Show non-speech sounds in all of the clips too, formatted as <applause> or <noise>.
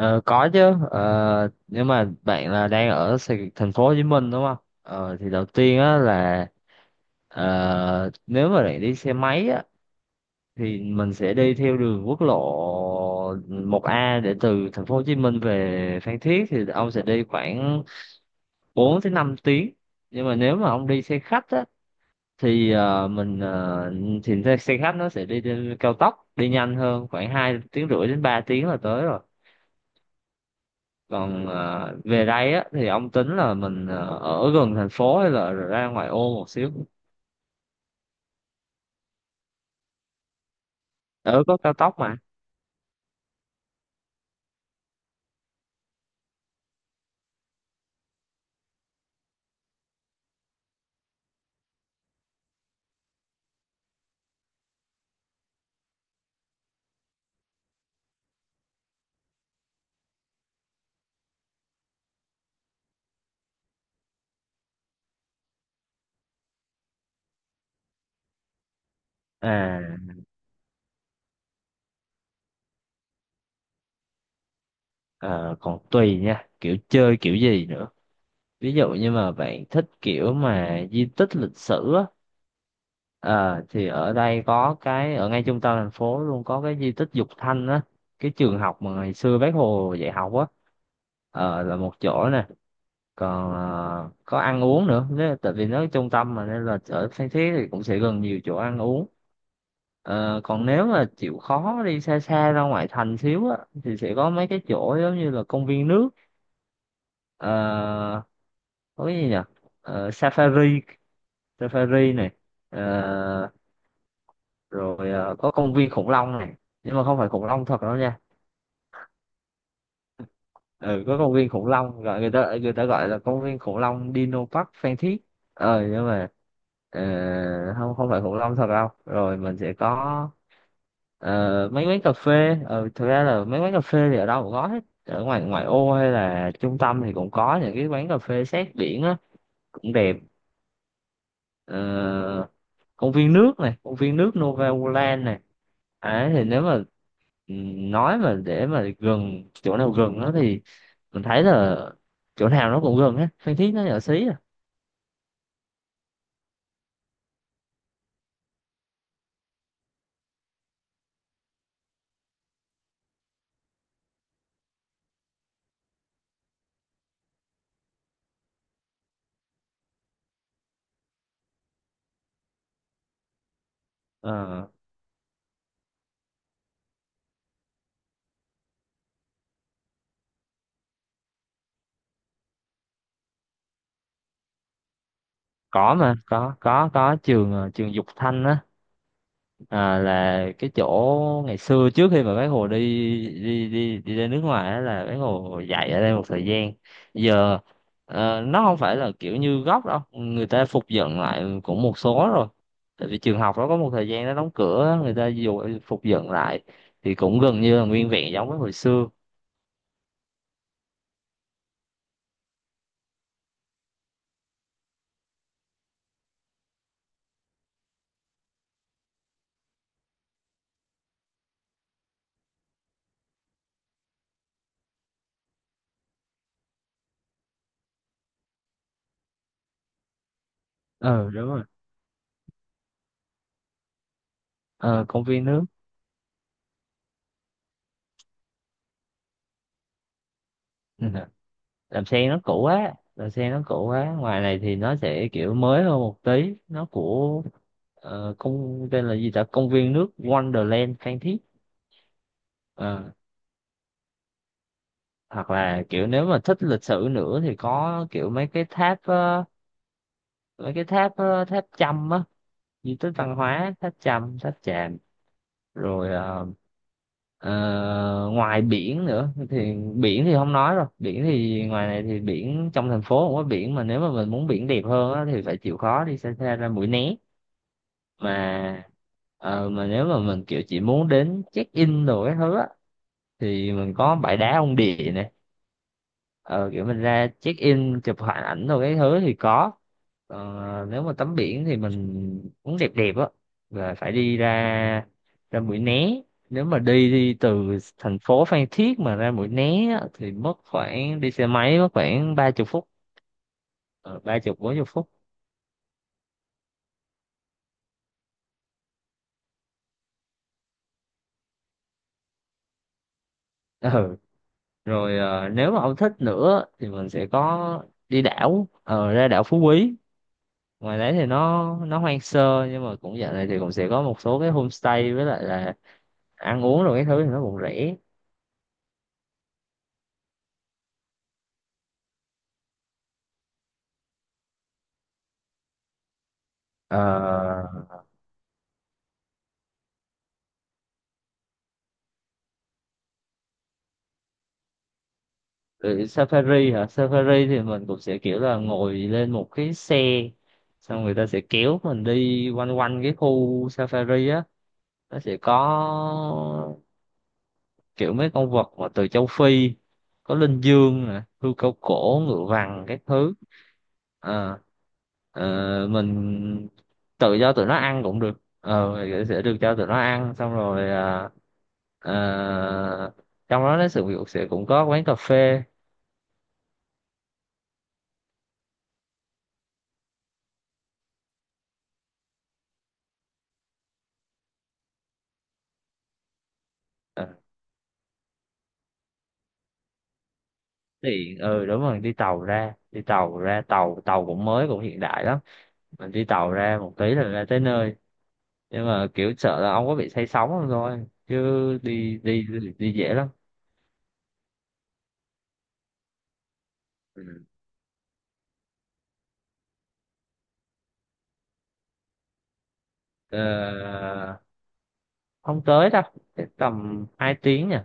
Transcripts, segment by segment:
Ờ, có chứ. Nếu mà bạn là đang ở thành phố Hồ Chí Minh, đúng không? Ờ, thì đầu tiên á là nếu mà bạn đi xe máy á thì mình sẽ đi theo đường quốc lộ 1A, để từ thành phố Hồ Chí Minh về Phan Thiết thì ông sẽ đi khoảng 4 tới 5 tiếng. Nhưng mà nếu mà ông đi xe khách á thì ờ, mình ờ, thì xe xe khách nó sẽ đi trên cao tốc, đi nhanh hơn, khoảng 2 tiếng rưỡi đến 3 tiếng là tới rồi. Còn về đây á thì ông tính là mình ở gần thành phố hay là ra ngoài ô một xíu? Ở có cao tốc mà. À ờ, còn tùy nha, kiểu chơi kiểu gì nữa. Ví dụ như mà bạn thích kiểu mà di tích lịch sử á, ờ, thì ở đây có cái ở ngay trung tâm thành phố luôn, có cái di tích Dục Thanh á, cái trường học mà ngày xưa Bác Hồ dạy học á. Là một chỗ nè. Còn có ăn uống nữa, nếu, tại vì nó ở trung tâm mà, nên là ở Phan Thiết thì cũng sẽ gần nhiều chỗ ăn uống. Còn nếu mà chịu khó đi xa xa ra ngoại thành xíu á thì sẽ có mấy cái chỗ giống như là công viên nước, ờ, có cái gì nhỉ? Ờ, safari safari này. Ờ, có công viên khủng long này, nhưng mà không phải khủng long thật đâu nha. Ừ, có công viên khủng long, gọi người ta gọi là công viên khủng long Dino Park Phan Thiết, nhưng mà ờ, không không phải khủng long thật đâu. Rồi mình sẽ có mấy quán cà phê, thực ra là mấy quán cà phê thì ở đâu cũng có hết, ở ngoài ngoại ô hay là trung tâm thì cũng có những cái quán cà phê sát biển á, cũng đẹp. Ờ, Công viên nước này, công viên nước Nova Land này. Đấy, thì nếu mà nói, mà để mà gần chỗ nào gần nó, thì mình thấy là chỗ nào nó cũng gần hết. Phan Thiết nó nhỏ xí à. Ờ, có mà có trường trường Dục Thanh á, à, là cái chỗ ngày xưa trước khi mà bác Hồ đi đi đi đi ra nước ngoài á, là bác Hồ dạy ở đây một thời gian. Giờ nó không phải là kiểu như gốc đâu, người ta phục dựng lại cũng một số rồi, tại vì trường học nó có một thời gian nó đóng cửa á, người ta dù phục dựng lại thì cũng gần như là nguyên vẹn giống với hồi xưa. Ờ Đúng rồi, ờ công viên nước. Ừ. Đầm sen nó cũ quá, đầm sen nó cũ quá. Ngoài này thì nó sẽ kiểu mới hơn một tí. Nó của công, tên là gì ta, công viên nước Wonderland Phan Thiết. Ờ, hoặc là kiểu nếu mà thích lịch sử nữa thì có kiểu mấy cái tháp, tháp Chăm á, di tích văn hóa tháp Chăm, tháp Chàm. Rồi ờ, Ờ, ngoài biển nữa thì biển thì không nói rồi. Biển thì ngoài này thì biển trong thành phố không có biển, mà nếu mà mình muốn biển đẹp hơn á thì phải chịu khó đi xa xa ra Mũi Né. Mà ờ, mà nếu mà mình kiểu chỉ muốn đến check in đồ cái thứ á, thì mình có bãi đá ông Địa nè, ờ, kiểu mình ra check in chụp hình ảnh rồi cái thứ thì có. Còn nếu mà tắm biển thì mình muốn đẹp đẹp á là phải đi ra ra Mũi Né. Nếu mà đi đi từ thành phố Phan Thiết mà ra Mũi Né á, thì mất khoảng, đi xe máy mất khoảng 30 phút, ờ, 30 40 phút. Ừ. Rồi, nếu mà ông thích nữa thì mình sẽ có, ra đảo Phú Quý. Ngoài đấy thì nó hoang sơ, nhưng mà cũng dạo này thì cũng sẽ có một số cái homestay với lại là ăn uống rồi cái thứ thì nó cũng rẻ. Ờ, rồi, safari hả? Safari thì mình cũng sẽ kiểu là ngồi lên một cái xe, xong người ta sẽ kéo mình đi quanh quanh cái khu safari á. Nó sẽ có kiểu mấy con vật mà từ châu Phi, có linh dương nè, hươu cao cổ, ngựa vằn, các thứ. Ờ, ờ, mình tự do tụi nó ăn cũng được, thì sẽ được cho tụi nó ăn, xong rồi à, Ờ, trong đó nó sự việc sẽ cũng có quán cà phê. Ờ, Tiện, đúng rồi. Đi tàu ra, tàu tàu cũng mới, cũng hiện đại lắm. Mình đi tàu ra một tí là ra tới nơi. Nhưng mà kiểu sợ là ông có bị say sóng không thôi, chứ đi, đi dễ lắm. Ừ. Ờ, Không tới đâu, chắc tầm 2 tiếng nha,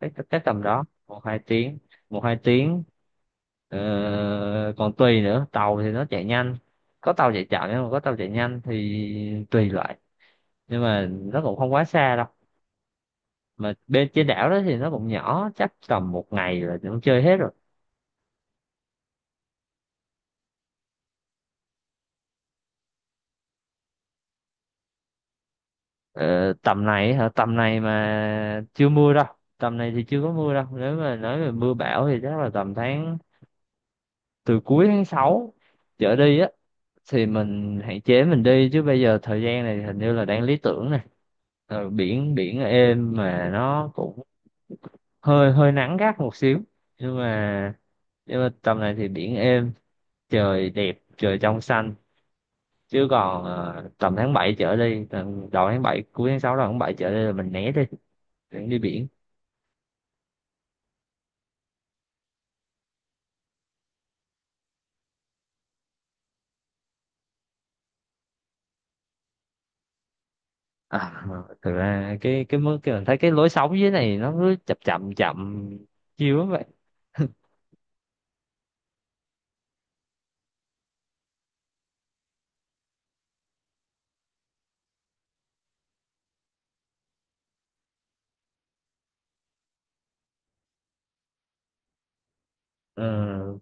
cái tầm đó 1 2 tiếng, 1 2 tiếng. Ờ, Còn tùy nữa, tàu thì nó chạy nhanh, có tàu chạy chậm nhưng mà có tàu chạy nhanh thì tùy loại, nhưng mà nó cũng không quá xa đâu. Mà bên trên đảo đó thì nó cũng nhỏ, chắc tầm một ngày là cũng chơi hết rồi. Ờ, Tầm này hả? Tầm này mà chưa mưa đâu, tầm này thì chưa có mưa đâu. Nếu mà nói về mưa bão thì chắc là tầm tháng, từ cuối tháng 6 trở đi á thì mình hạn chế mình đi, chứ bây giờ thời gian này hình như là đang lý tưởng này. Biển biển êm mà nó cũng hơi hơi nắng gắt một xíu, nhưng mà nhưng mà tầm này thì biển êm, trời đẹp, trời trong xanh. Chứ còn tầm tháng 7 trở đi, tầm đầu tháng 7, cuối tháng 6 đầu tháng 7 trở đi là mình né đi, để đi biển. À, thực ra cái mức cái mình thấy cái lối sống dưới này, nó cứ chậm chậm chậm chiều lắm vậy. Ờ,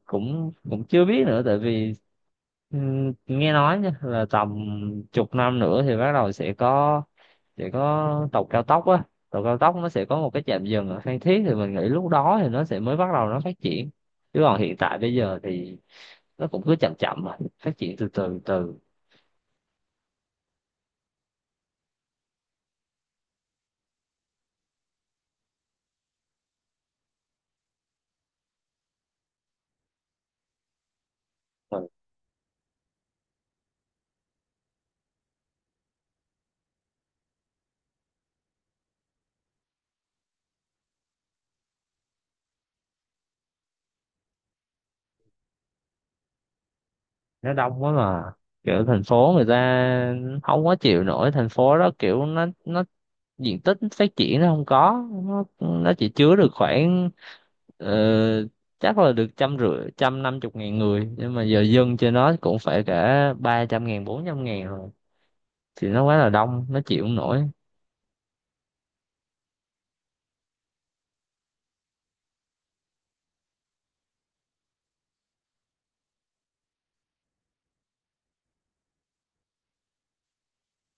cũng cũng chưa biết nữa, tại vì ừ, nghe nói nha, là tầm chục năm nữa thì bắt đầu sẽ có, sẽ có tàu cao tốc á. Tàu cao tốc nó sẽ có một cái trạm dừng ở Phan Thiết, thì mình nghĩ lúc đó thì nó sẽ mới bắt đầu nó phát triển. Chứ còn hiện tại bây giờ thì nó cũng cứ chậm chậm mà phát triển từ từ từ. Mà nó đông quá mà, kiểu thành phố người ta không có chịu nổi. Thành phố đó kiểu nó diện tích phát triển nó không có. Nó chỉ chứa được khoảng ờ, chắc là được trăm rưỡi, 150.000 người, nhưng mà giờ dân trên nó cũng phải cả 300.000, 400.000 rồi, thì nó quá là đông, nó chịu không nổi.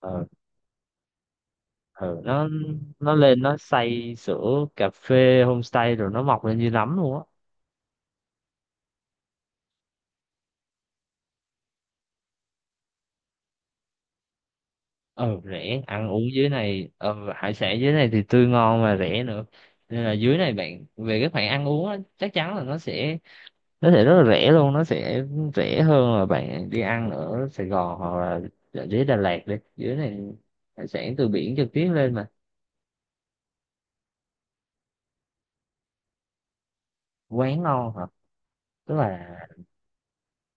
ờ ờ nó nó lên nó xây sửa cà phê, homestay rồi nó mọc lên như nấm luôn á. Ờ Rẻ, ăn uống dưới này, hải sản dưới này thì tươi ngon và rẻ nữa. Nên là dưới này bạn về, các bạn ăn uống á, chắc chắn là nó sẽ, nó sẽ rất là rẻ luôn, nó sẽ rẻ hơn là bạn đi ăn ở Sài Gòn, hoặc là ở dưới Đà Lạt. Đi dưới này, hải sản từ biển trực tiếp lên mà. Quán ngon hả? Tức là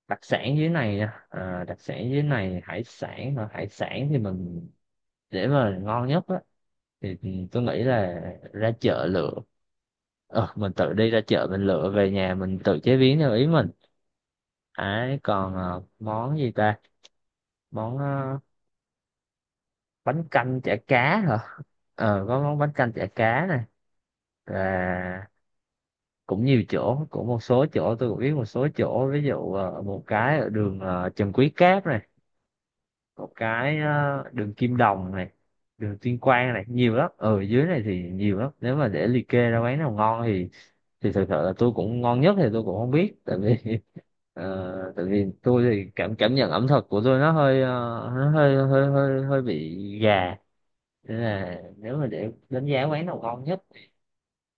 đặc sản dưới này nha. À, đặc sản dưới này, hải sản hả? Hải sản thì mình, để mà ngon nhất á, thì tôi nghĩ là ra chợ lựa, mình tự đi ra chợ mình lựa về nhà mình tự chế biến theo ý mình ấy. Còn món gì ta, món bánh canh chả cá hả? Có món bánh canh chả cá này, và cũng nhiều chỗ, cũng một số chỗ tôi cũng biết. Một số chỗ, ví dụ một cái ở đường Trần Quý Cáp này, một cái đường Kim Đồng này, đường Tuyên Quang này, nhiều lắm. Ở dưới này thì nhiều lắm, nếu mà để liệt kê ra quán nào ngon thì thật sự là tôi cũng ngon nhất thì tôi cũng không biết, tại vì <laughs> tại vì tôi thì cảm cảm nhận ẩm thực của tôi nó hơi nó hơi hơi hơi hơi bị gà. Nên là nếu mà để đánh giá quán nào ngon nhất,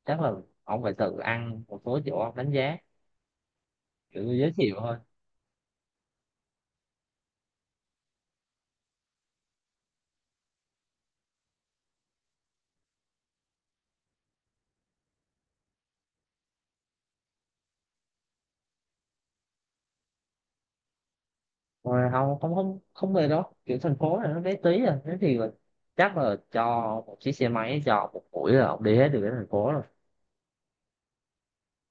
chắc là ông phải tự ăn một số chỗ ông đánh giá, kiểu tôi giới thiệu thôi. Rồi không, không, không, không, về đó kiểu thành phố này nó bé tí à, thế thì là, chắc là cho một chiếc xe máy cho một buổi là ông đi hết được cái thành phố rồi.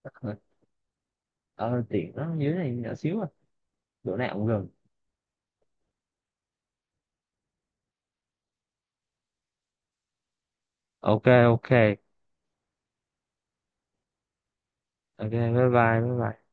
<laughs> Ờ Tiện, nó dưới này nhỏ xíu à, chỗ nào cũng gần. Ok. Ok. Ok, bye bye, bye bye.